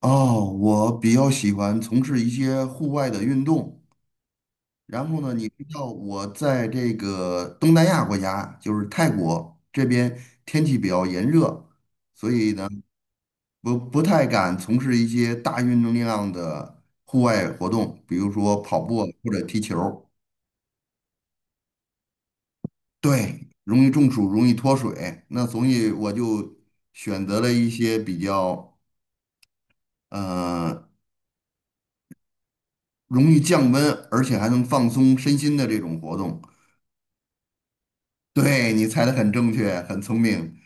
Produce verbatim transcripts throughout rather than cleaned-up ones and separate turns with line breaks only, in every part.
哦，我比较喜欢从事一些户外的运动。然后呢，你知道我在这个东南亚国家，就是泰国这边天气比较炎热，所以呢，不不太敢从事一些大运动量的户外活动，比如说跑步啊或者踢球。对，容易中暑，容易脱水。那所以我就选择了一些比较呃容易降温，而且还能放松身心的这种活动。对，你猜的很正确，很聪明。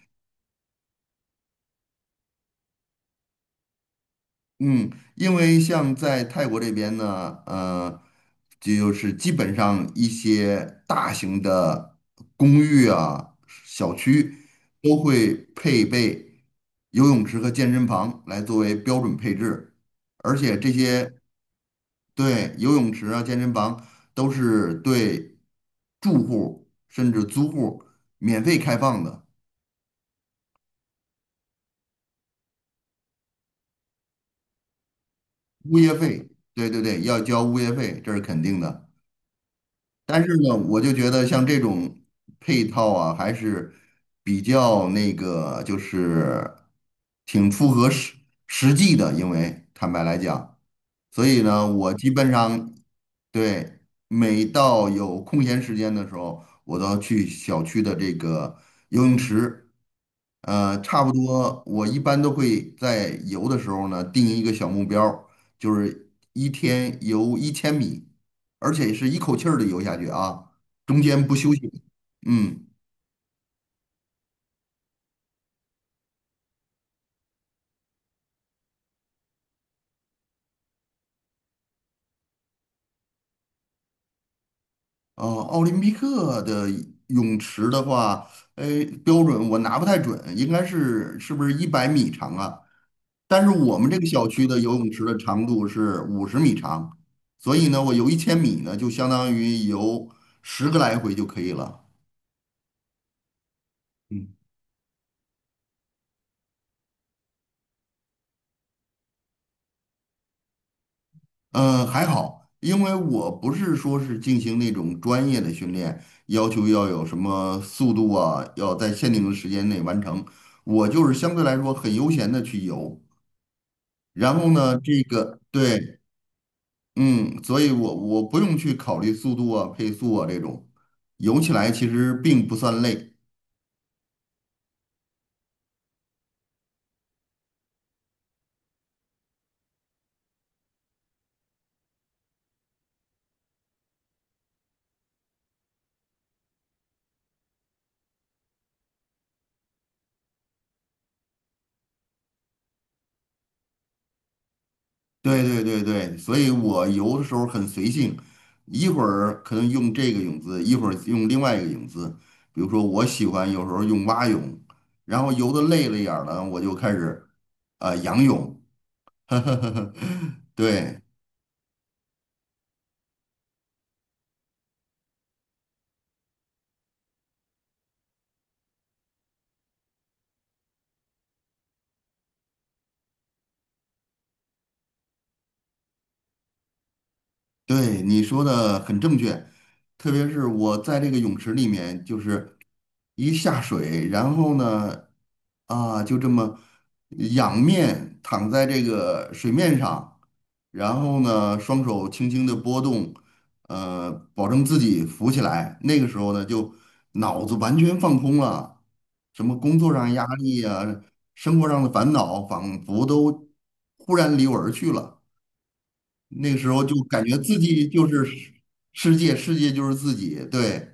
嗯，因为像在泰国这边呢，呃，就是基本上一些大型的公寓啊、小区都会配备游泳池和健身房来作为标准配置，而且这些对游泳池啊、健身房都是对住户甚至租户免费开放的。物业费，对对对，要交物业费，这是肯定的。但是呢，我就觉得像这种配套啊，还是比较那个，就是挺符合实实际的。因为坦白来讲，所以呢，我基本上。对，每到有空闲时间的时候，我都要去小区的这个游泳池。呃，差不多，我一般都会在游的时候呢，定一个小目标儿，就是一天游一千米，而且是一口气儿的游下去啊，中间不休息。嗯，哦，奥林匹克的泳池的话，哎，标准我拿不太准，应该是是不是一百米长啊？但是我们这个小区的游泳池的长度是五十米长，所以呢，我游一千米呢，就相当于游十个来回就可以了。嗯呃，还好，因为我不是说是进行那种专业的训练，要求要有什么速度啊，要在限定的时间内完成。我就是相对来说很悠闲的去游，然后呢，这个对，嗯，所以我我不用去考虑速度啊、配速啊这种，游起来其实并不算累。对对对对，所以我游的时候很随性，一会儿可能用这个泳姿，一会儿用另外一个泳姿。比如说，我喜欢有时候用蛙泳，然后游的累了一点儿了，我就开始啊、呃、仰泳。对，对，你说的很正确，特别是我在这个泳池里面，就是一下水，然后呢，啊，就这么仰面躺在这个水面上，然后呢，双手轻轻的拨动，呃，保证自己浮起来。那个时候呢，就脑子完全放空了，什么工作上压力啊，生活上的烦恼，仿佛都忽然离我而去了。那个时候就感觉自己就是世世界，世界就是自己。对，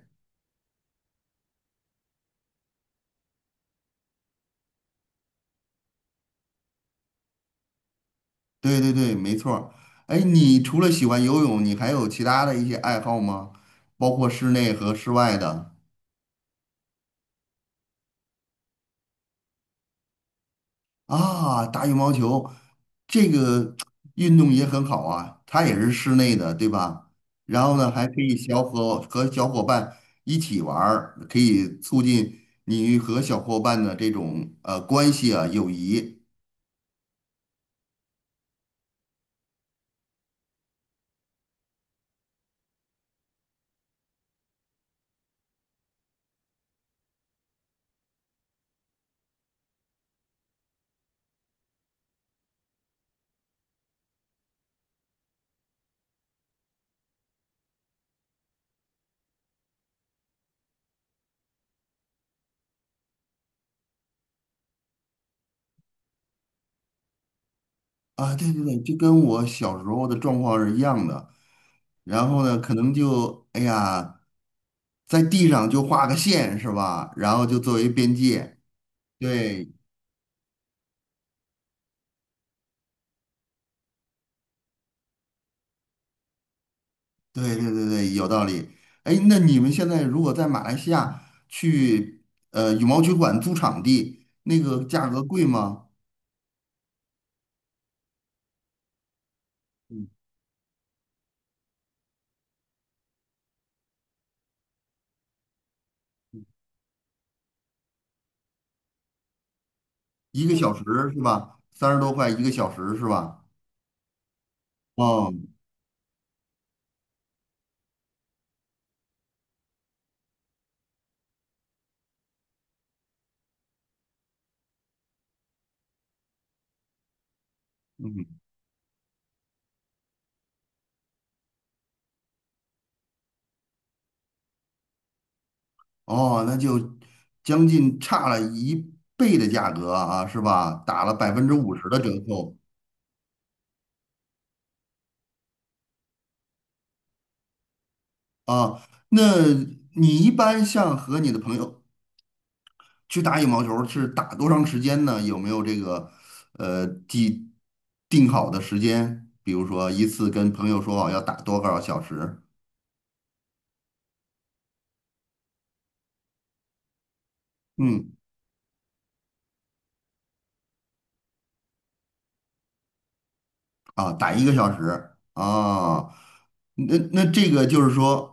对对对，没错儿。哎，你除了喜欢游泳，你还有其他的一些爱好吗？包括室内和室外的。啊，打羽毛球这个 运动也很好啊，它也是室内的，对吧？然后呢，还可以小伙和小伙伴一起玩儿，可以促进你与和小伙伴的这种呃关系啊，友谊。啊，对对对，就跟我小时候的状况是一样的。然后呢，可能就哎呀，在地上就画个线是吧？然后就作为边界。对对对对对，有道理。哎，那你们现在如果在马来西亚去呃羽毛球馆租场地，那个价格贵吗？一个嗯小时是吧？三十多块一个小时是吧？哦，嗯哦，那就将近差了一倍的价格啊，是吧？打了百分之五十的折扣啊。那你一般像和你的朋友去打羽毛球，是打多长时间呢？有没有这个呃既定好的时间？比如说一次跟朋友说好要打多少小时？嗯，啊，打一个小时啊。那那这个就是说。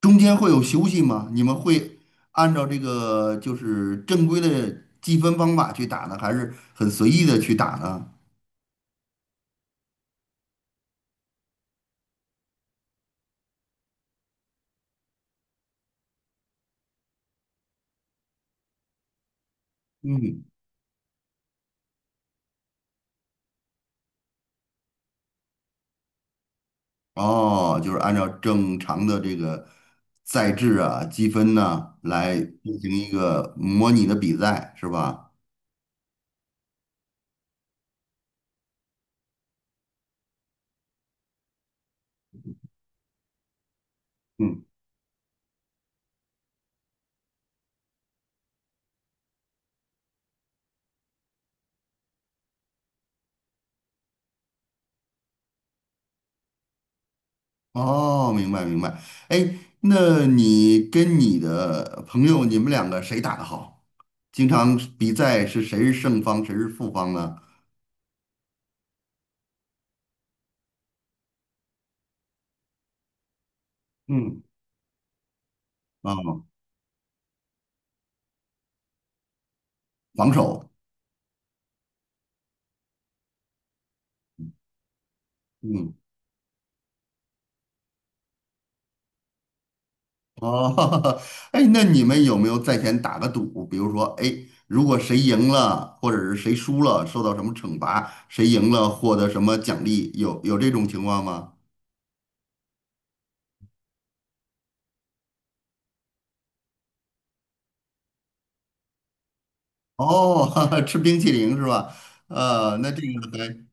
中间会有休息吗？你们会按照这个就是正规的计分方法去打呢，还是很随意的去打呢？嗯，哦，就是按照正常的这个赛制啊、积分呢来进行一个模拟的比赛，是吧？嗯，哦，明白明白。哎，那你跟你的朋友，你们两个谁打的好？经常比赛是谁是胜方，谁是负方呢？嗯，啊，防守。嗯。哦，哎，那你们有没有在前打个赌？比如说，哎，如果谁赢了，或者是谁输了，受到什么惩罚？谁赢了获得什么奖励？有有这种情况吗？哦，吃冰淇淋是吧？呃，那这个还。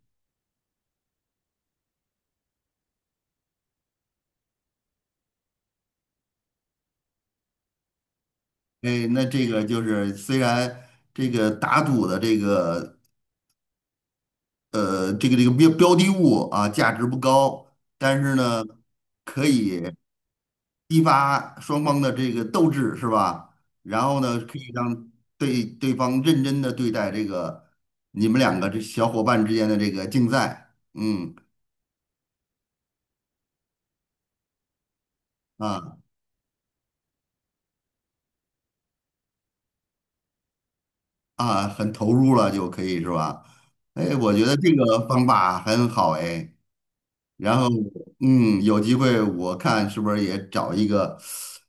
哎，那这个就是虽然这个打赌的这个呃这个这个标标的物啊价值不高，但是呢。可以。激发双方的这个斗志是吧？然后呢，可以让对对方认真的对待这个你们两个这小伙伴之间的这个竞赛，嗯啊啊，很投入了就可以是吧？哎，我觉得这个方法很好哎。然后嗯，有机会我看是不是也找一个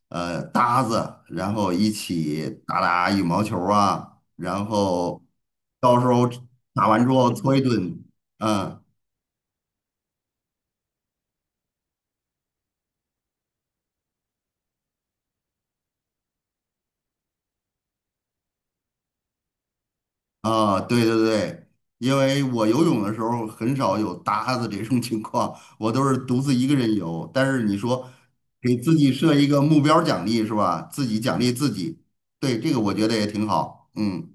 呃搭子，然后一起打打羽毛球啊，然后到时候打完之后搓一顿，嗯。啊，对对对，因为我游泳的时候很少有搭子这种情况，我都是独自一个人游。但是你说给自己设一个目标奖励是吧？自己奖励自己，对，这个我觉得也挺好。嗯。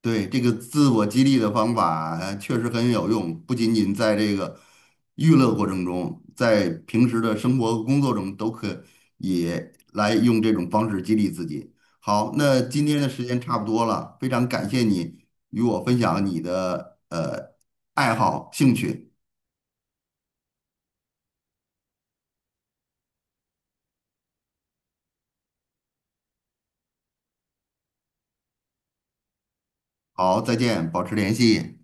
对，这个自我激励的方法呃确实很有用，不仅仅在这个娱乐过程中，在平时的生活、和工作中都可以来用这种方式激励自己。好，那今天的时间差不多了，非常感谢你与我分享你的呃爱好、兴趣。好，再见，保持联系。